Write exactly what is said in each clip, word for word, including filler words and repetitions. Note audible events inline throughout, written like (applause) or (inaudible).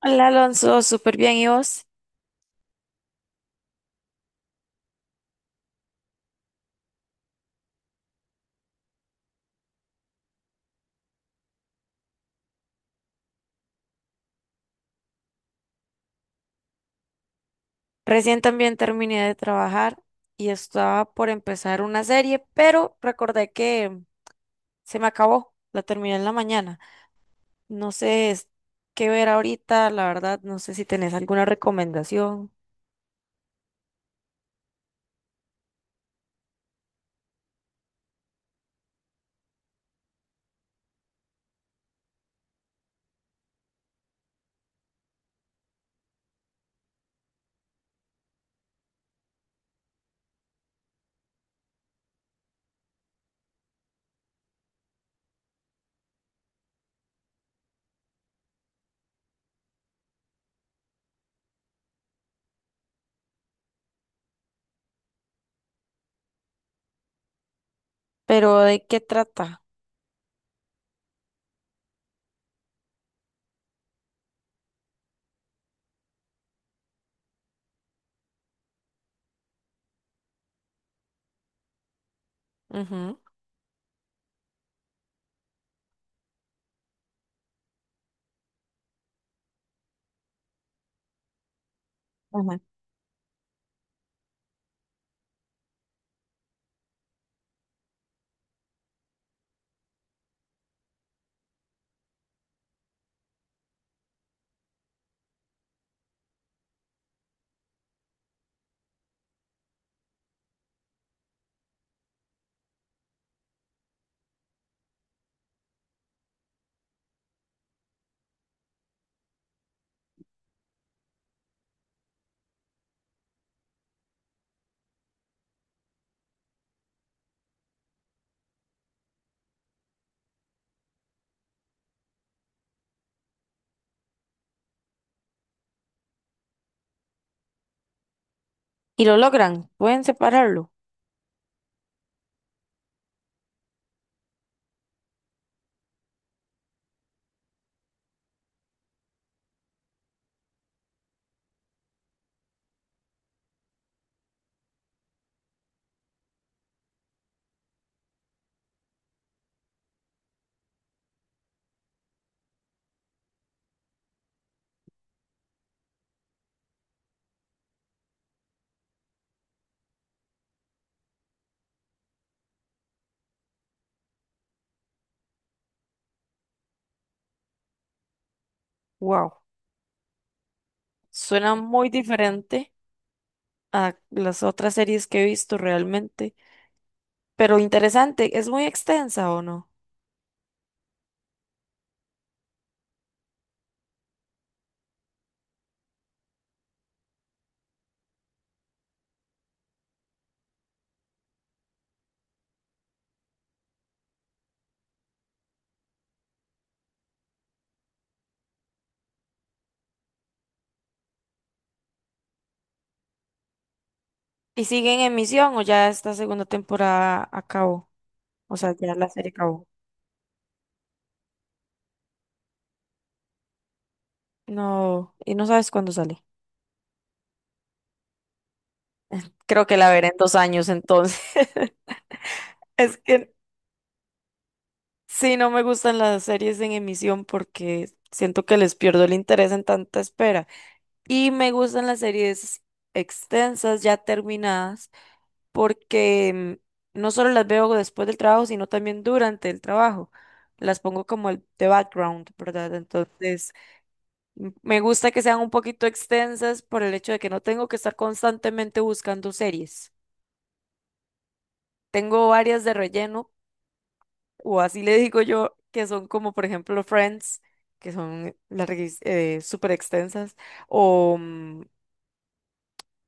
Hola Alonso, súper bien. ¿Y vos? Recién también terminé de trabajar y estaba por empezar una serie, pero recordé que se me acabó. La terminé en la mañana. No sé es- qué ver ahorita, la verdad, no sé si tenés alguna recomendación, pero ¿de qué trata? Ujú. Ajá. Y lo logran, pueden separarlo. Wow, suena muy diferente a las otras series que he visto realmente, pero interesante. ¿Es muy extensa o no? ¿Y sigue en emisión o ya esta segunda temporada acabó? O sea, ya la serie acabó. No, y no sabes cuándo sale. Creo que la veré en dos años entonces. (laughs) Es que sí, no me gustan las series en emisión porque siento que les pierdo el interés en tanta espera. Y me gustan las series extensas, ya terminadas, porque mm, no solo las veo después del trabajo, sino también durante el trabajo. Las pongo como el de background, ¿verdad? Entonces M- Me gusta que sean un poquito extensas por el hecho de que no tengo que estar constantemente buscando series. Tengo varias de relleno, o así le digo yo, que son como por ejemplo Friends, que son larguis, eh, súper extensas, o mm,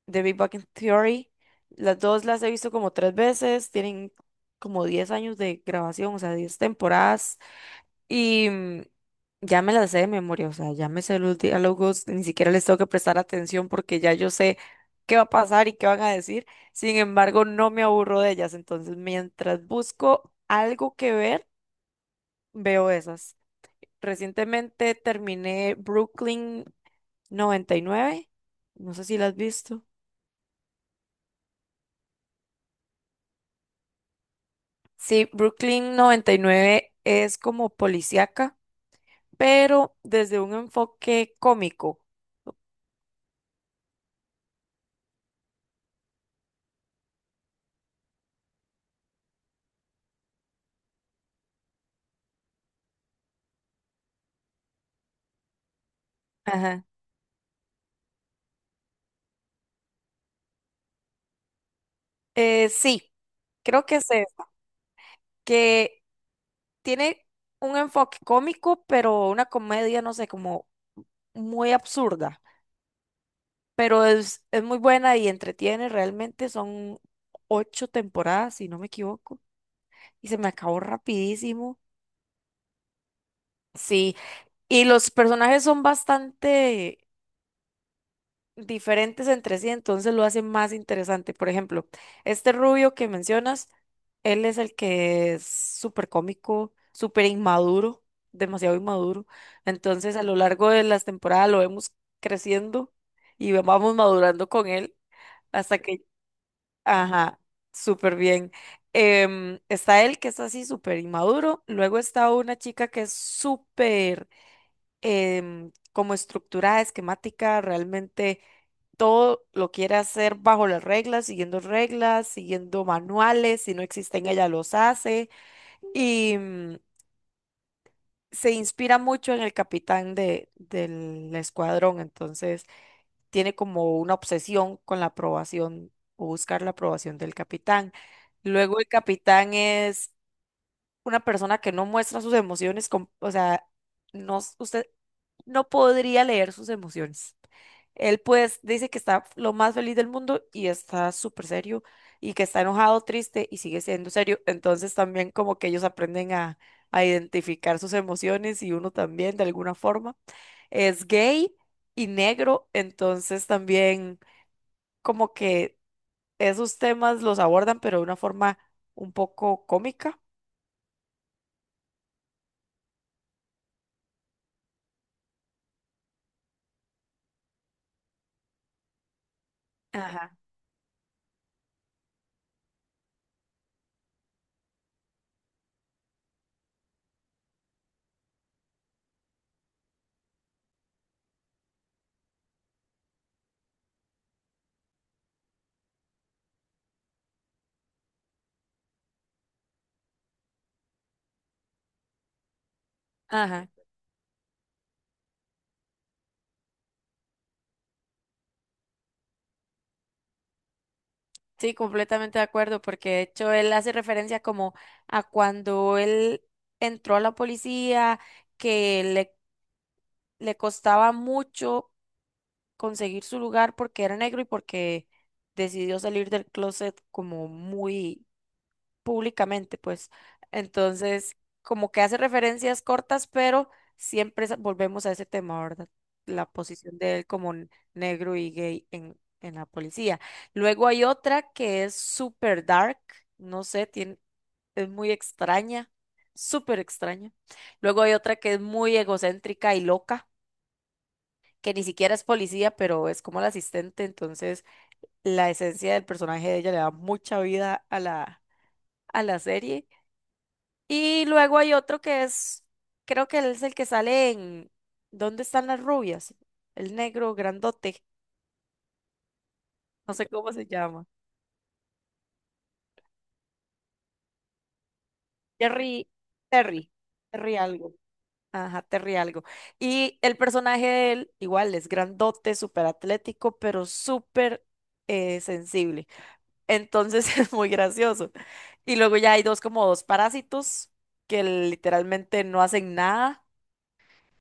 The Big Bang Theory. Las dos las he visto como tres veces, tienen como diez años de grabación, o sea, diez temporadas. Y mm, ya me las sé de memoria, o sea, ya me sé los diálogos, ni siquiera les tengo que prestar atención porque ya yo sé qué va a pasar y qué van a decir. Sin embargo, no me aburro de ellas, entonces mientras busco algo que ver, veo esas. Recientemente terminé Brooklyn noventa y nueve. No sé si la has visto. Sí, Brooklyn noventa y nueve es como policíaca, pero desde un enfoque cómico. Ajá. Eh, sí, creo que se que tiene un enfoque cómico, pero una comedia, no sé, como muy absurda, pero es, es muy buena y entretiene, realmente son ocho temporadas, si no me equivoco, y se me acabó rapidísimo. Sí, y los personajes son bastante diferentes entre sí, entonces lo hace más interesante. Por ejemplo, este rubio que mencionas, él es el que es súper cómico, súper inmaduro, demasiado inmaduro. Entonces, a lo largo de las temporadas lo vemos creciendo y vamos madurando con él hasta que, ajá, súper bien. Em, está él que es así súper inmaduro, luego está una chica que es súper em, como estructurada, esquemática, realmente todo lo quiere hacer bajo las reglas, siguiendo reglas, siguiendo manuales, si no existen ella los hace y mm, se inspira mucho en el capitán de, del escuadrón, entonces tiene como una obsesión con la aprobación o buscar la aprobación del capitán. Luego el capitán es una persona que no muestra sus emociones, com- o sea, no, s- usted no podría leer sus emociones. Él pues dice que está lo más feliz del mundo y está súper serio y que está enojado, triste y sigue siendo serio. Entonces también como que ellos aprenden a, a identificar sus emociones y uno también de alguna forma. Es gay y negro, entonces también como que esos temas los abordan pero de una forma un poco cómica. Ajá. Ajá. Sí, completamente de acuerdo, porque de hecho él hace referencia como a cuando él entró a la policía, que le, le costaba mucho conseguir su lugar porque era negro y porque decidió salir del closet como muy públicamente, pues. Entonces, como que hace referencias cortas, pero siempre sa- volvemos a ese tema, ¿verdad? La posición de él como n- negro y gay en, en la policía. Luego hay otra que es super dark, no sé, tiene, es muy extraña, súper extraña. Luego hay otra que es muy egocéntrica y loca, que ni siquiera es policía, pero es como la asistente, entonces la esencia del personaje de ella le da mucha vida a la, a la serie. Y luego hay otro que es, creo que él es el que sale en ¿Dónde están las rubias? El negro grandote, no sé cómo se llama. Terry, Terry, Terry algo. Ajá, Terry algo. Y el personaje de él, igual, es grandote, súper atlético, pero súper eh, sensible. Entonces (laughs) es muy gracioso. Y luego ya hay dos como dos parásitos que literalmente no hacen nada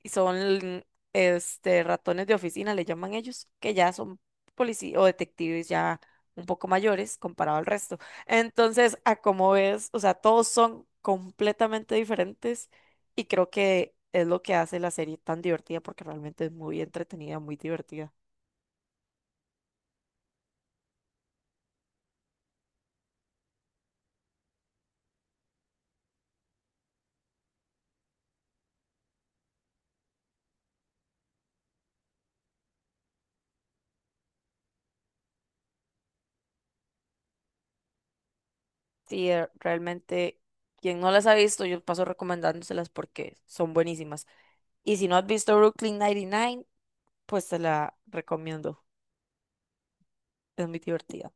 y son este ratones de oficina, le llaman ellos, que ya son policías o detectives ya un poco mayores comparado al resto. Entonces, a como ves, o sea, todos son completamente diferentes y creo que es lo que hace la serie tan divertida porque realmente es muy entretenida, muy divertida. Sí, eh, realmente quien no las ha visto, yo paso recomendándoselas porque son buenísimas. Y si no has visto Brooklyn noventa y nueve, pues te la recomiendo. Es muy divertida.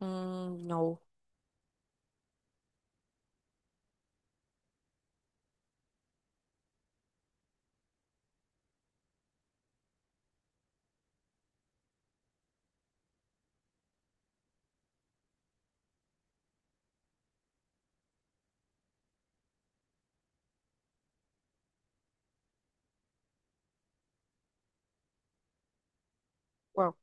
Mm, no. Wow,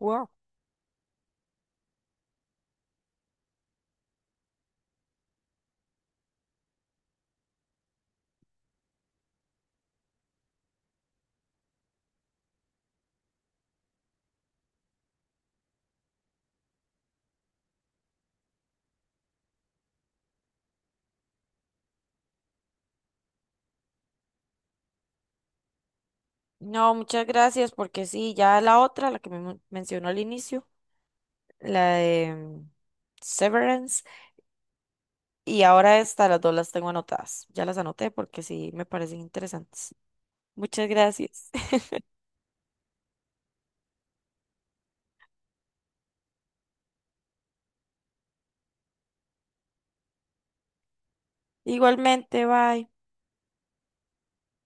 wow. No, muchas gracias, porque sí, ya la otra, la que me men- mencionó al inicio, la de mm, Severance, y ahora esta, las dos las tengo anotadas. Ya las anoté porque sí me parecen interesantes. Muchas gracias. (laughs) Igualmente, bye.